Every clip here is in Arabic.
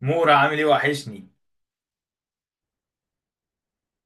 مورا عامل ايه؟ وحشني.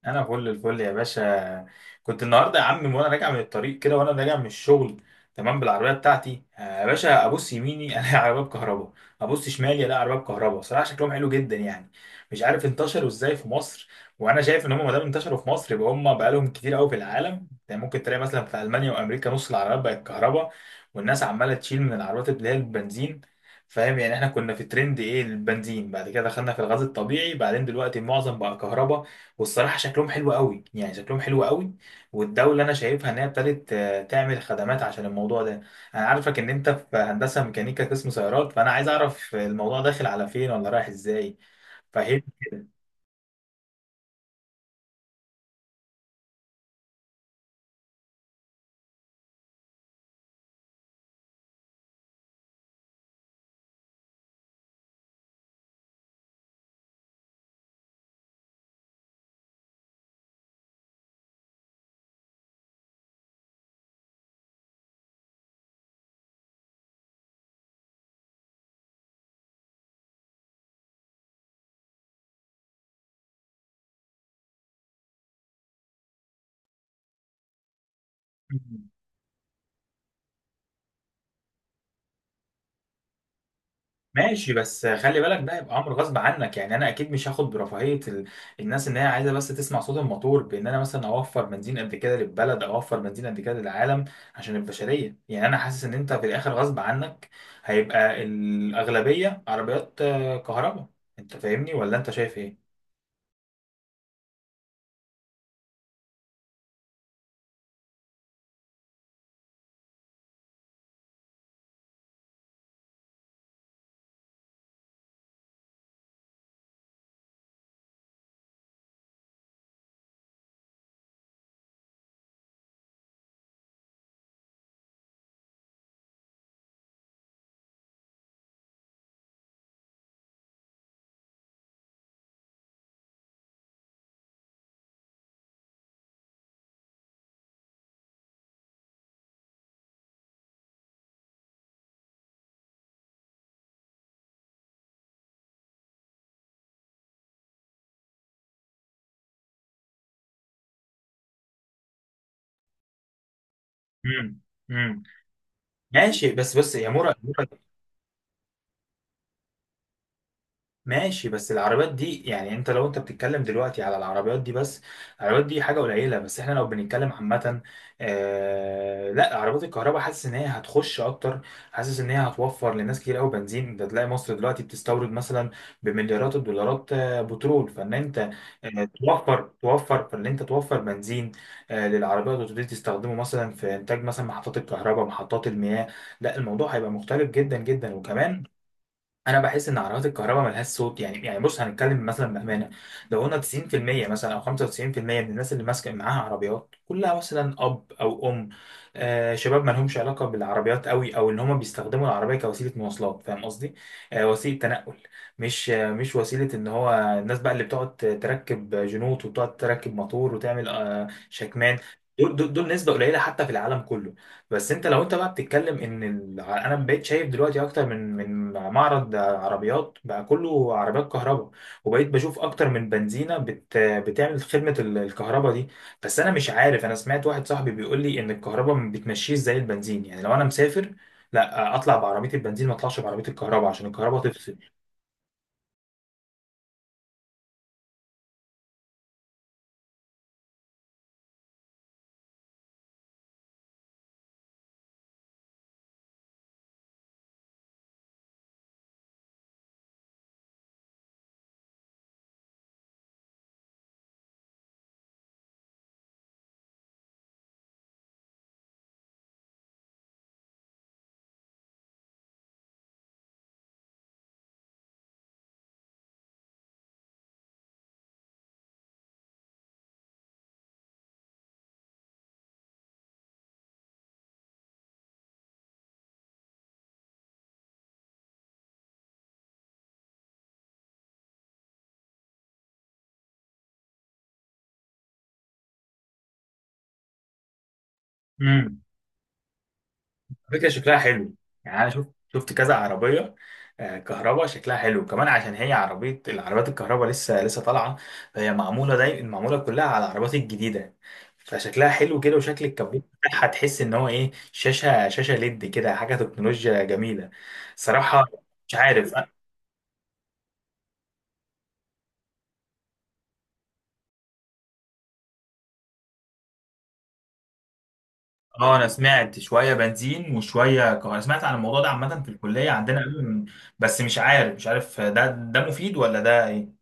انا فل الفل يا باشا. كنت النهارده يا عم وانا راجع من الطريق كده، وانا راجع من الشغل تمام بالعربيه بتاعتي. يا باشا، ابص يميني الاقي عربيه بكهرباء، ابص شمالي الاقي عربيه بكهرباء. صراحه شكلهم حلو جدا يعني. مش عارف انتشروا ازاي في مصر، وانا شايف ان هم ما دام انتشروا في مصر يبقى هم بقالهم كتير قوي في العالم. يعني ممكن تلاقي مثلا في المانيا وامريكا نص العربيات بقت كهرباء، والناس عماله تشيل من العربيات اللي هي البنزين. فاهم؟ يعني احنا كنا في ترند ايه؟ البنزين، بعد كده دخلنا في الغاز الطبيعي، بعدين دلوقتي معظم بقى كهرباء. والصراحة شكلهم حلو قوي يعني، شكلهم حلو قوي. والدولة أنا شايفها إن هي ابتدت، تعمل خدمات عشان الموضوع ده. أنا عارفك إن أنت في هندسة ميكانيكا قسم سيارات، فأنا عايز أعرف الموضوع داخل على فين، ولا رايح إزاي. فاهم. ماشي بس خلي بالك، ده هيبقى امر غصب عنك. يعني انا اكيد مش هاخد برفاهيه ال... الناس ان هي عايزه بس تسمع صوت الموتور، بان انا مثلا اوفر بنزين قد كده للبلد، او اوفر بنزين قد كده للعالم عشان البشريه. يعني انا حاسس ان انت في الاخر غصب عنك هيبقى الاغلبيه عربيات كهرباء. انت فاهمني، ولا انت شايف ايه؟ امم. امم. ماشي، بس يا مورا. ماشي، بس العربيات دي يعني انت لو انت بتتكلم دلوقتي على العربيات دي بس، العربيات دي حاجة قليلة، بس احنا لو بنتكلم عامة، آه لا عربيات الكهرباء حاسس ان هي هتخش اكتر. حاسس ان هي هتوفر لناس كتير قوي بنزين. انت تلاقي مصر دلوقتي بتستورد مثلا بمليارات الدولارات آه بترول، فان انت آه توفر، توفر، فان انت توفر بنزين آه للعربيات، وتبتدي تستخدمه مثلا في انتاج مثلا محطات الكهرباء، محطات المياه. لا الموضوع هيبقى مختلف جدا جدا. وكمان انا بحس ان عربيات الكهرباء ملهاش صوت. يعني يعني بص هنتكلم مثلا بامانه، لو قلنا 90% مثلا او 95% من الناس اللي ماسكه معاها عربيات كلها مثلا اب او ام، آه شباب ما لهمش علاقه بالعربيات قوي، او ان هم بيستخدموا العربيه كوسيله مواصلات. فاهم قصدي؟ آه وسيله تنقل، مش آه مش وسيله ان هو. الناس بقى اللي بتقعد تركب جنوط، وبتقعد تركب موتور وتعمل آه شكمان، دول نسبه قليله حتى في العالم كله. بس انت لو انت بقى بتتكلم ان ال... انا بقيت شايف دلوقتي اكتر من معرض عربيات بقى كله عربيات كهرباء، وبقيت بشوف اكتر من بنزينه بت... بتعمل خدمه ال- الكهرباء دي. بس انا مش عارف، انا سمعت واحد صاحبي بيقول لي ان الكهرباء ما بتمشيش زي البنزين، يعني لو انا مسافر لا اطلع بعربيه البنزين، ما اطلعش بعربيه الكهرباء عشان الكهرباء تفصل. امم. فكرة شكلها حلو، يعني أنا شفت، شفت كذا عربية كهرباء شكلها حلو. كمان عشان هي عربية، العربيات الكهرباء لسه لسه طالعة، فهي معمولة دايما معمولة كلها على العربيات الجديدة، فشكلها حلو كده. وشكل الكابوت بتاعها تحس إن هو إيه، شاشة، شاشة ليد كده، حاجة تكنولوجيا جميلة صراحة. مش عارف. اه انا سمعت شويه بنزين وشويه كهرباء. سمعت عن الموضوع ده عامه في الكليه عندنا قبل، من- بس مش عارف، مش عارف ده مفيد ولا ده ايه.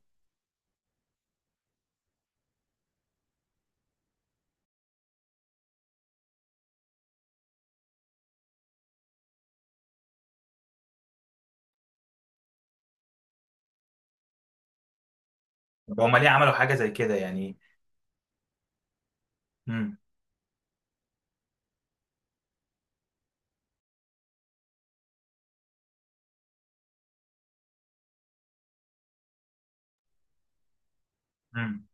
طب هما ليه عملوا حاجه زي كده يعني؟ مم.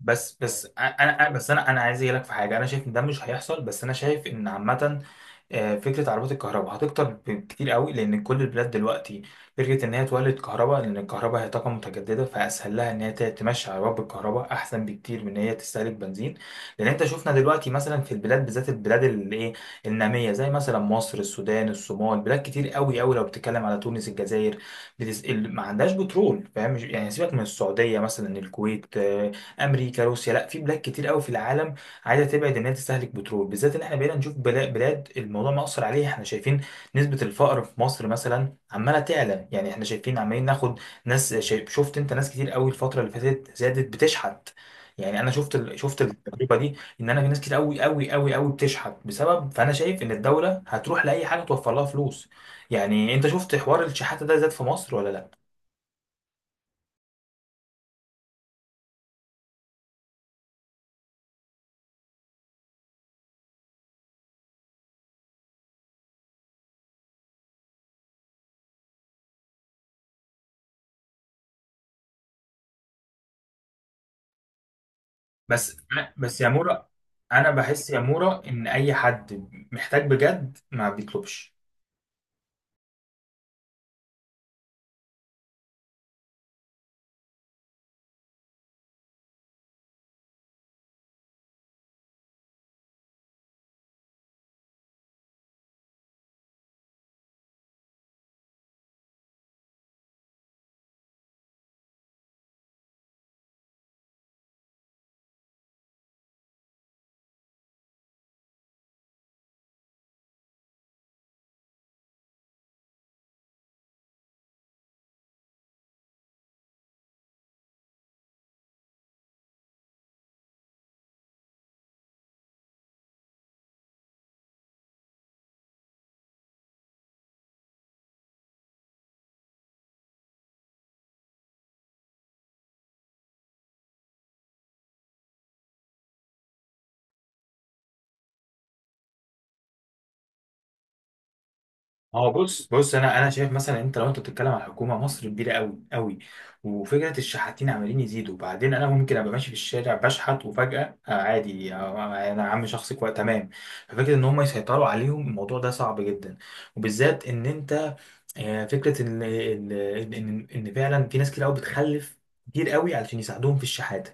بس انا عايز اجي لك في حاجه. انا شايف ان ده مش هيحصل، بس انا شايف ان عامه فكره عربيات الكهرباء هتكتر بكتير قوي، لان كل البلاد دلوقتي فكره ان هي تولد كهرباء، لان الكهرباء هي طاقه متجدده، فاسهل لها ان هي ت- تمشي عربيات بالكهرباء احسن بكتير من ان هي تستهلك بنزين. لان انت شفنا دلوقتي مثلا في البلاد، بالذات البلاد اللي ايه، الناميه، زي مثلا مصر، السودان، الصومال، بلاد كتير قوي قوي، لو بتتكلم على تونس، الجزائر، بتس... ال- ما عندهاش بترول. فاهم؟ مش- يعني سيبك من السعوديه مثلا، الكويت، امريكا، روسيا، لا في بلاد كتير قوي في العالم عايزه تبعد ان هي تستهلك بترول، بالذات ان احنا بقينا نشوف بلا- بلاد الموضوع مأثر عليها. احنا شايفين نسبه الفقر في مصر مثلا عماله تعلى. يعني احنا شايفين عمالين ناخد ناس، شايف، شفت انت ناس كتير قوي الفتره اللي فاتت زادت بتشحت. يعني انا شفت ال- شفت التجربه دي، ان انا في ناس كتير قوي بتشحت بسبب. فانا شايف ان الدوله هتروح لاي حاجه توفر لها فلوس. يعني انت شفت حوار الشحاته ده زاد في مصر ولا لا؟ بس بس يا مورا، انا بحس يا مورا ان اي حد محتاج بجد ما بيطلبش. هو بص، بص، انا شايف مثلا انت لو انت بتتكلم عن حكومه مصر كبيره قوي قوي، وفكره الشحاتين عمالين يزيدوا. وبعدين انا ممكن ابقى ماشي في الشارع بشحت وفجاه آه عادي، آه انا عم شخصي كويس تمام. ففكره ان هم يسيطروا عليهم الموضوع ده صعب جدا. وبالذات ان انت، فكره ان ان إن فعلا في ناس كتير قوي بتخلف كتير قوي علشان يساعدوهم في الشحاته،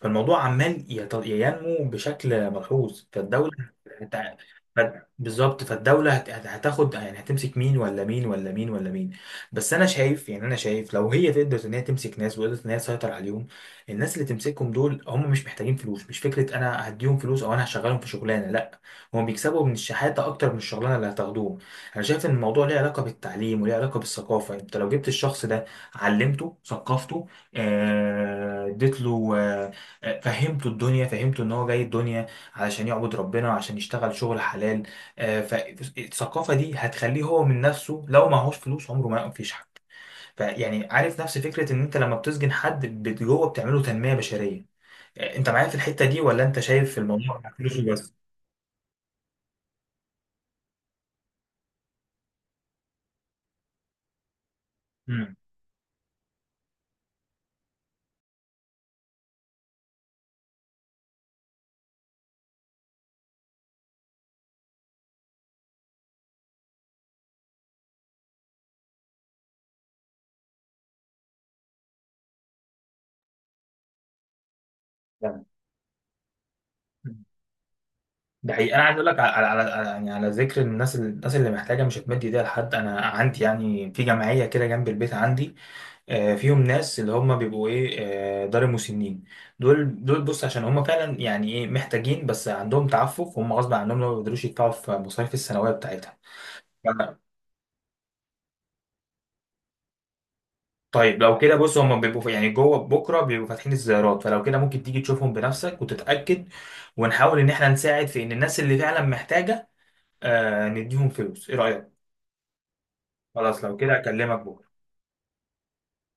فالموضوع عمال يت- ينمو بشكل ملحوظ. فالدولة هت- ف- بالظبط، فالدولة هتاخد يعني، هتمسك مين ولا مين ولا مين ولا مين؟ بس أنا شايف، يعني أنا شايف لو هي تقدر إن هي تمسك ناس، وقدرت إن هي تسيطر عليهم، الناس اللي تمسكهم دول هم مش محتاجين فلوس. مش فكرة أنا هديهم فلوس، أو أنا هشغلهم في شغلانة، لا، هم بيكسبوا من الشحاتة أكتر من الشغلانة اللي هتاخدوهم. أنا شايف إن الموضوع ليه علاقة بالتعليم، وليه علاقة بالثقافة. أنت لو جبت الشخص ده علمته، ثقفته، اديت له، فهمته الدنيا، فهمته ان هو جاي الدنيا علشان يعبد ربنا، وعشان يشتغل شغل حلال، فالثقافه دي هتخليه هو من نفسه لو معهوش فلوس عمره ما ينفش حد. فيعني عارف نفس فكره ان انت لما بتسجن حد بت- جوه بتعمله تنميه بشريه. انت معايا في الحته دي، ولا انت شايف في الموضوع بتاع فلوسه بس؟ مم. تمام. ده حقيقي. انا عايز اقول لك على يعني على ذكر الناس، الناس اللي محتاجه مش هتمد ايديها لحد، انا عندي يعني في جمعيه كده جنب البيت عندي فيهم ناس اللي هم بيبقوا ايه، دار المسنين. دول بص، عشان هم فعلا يعني ايه محتاجين، بس عندهم تعفف، هم غصب عنهم لو ما بيقدروش يدفعوا في مصاريف الثانويه بتاعتها. ف- طيب لو كده بص، هم بيبقوا في- يعني جوه بكره بيبقوا فاتحين الزيارات، فلو كده ممكن تيجي تشوفهم بنفسك وتتاكد، ونحاول ان احنا نساعد في ان الناس اللي فعلا محتاجه نديهم فلوس. ايه رايك؟ خلاص لو كده اكلمك بكره.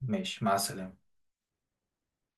ماشي، مع السلامه.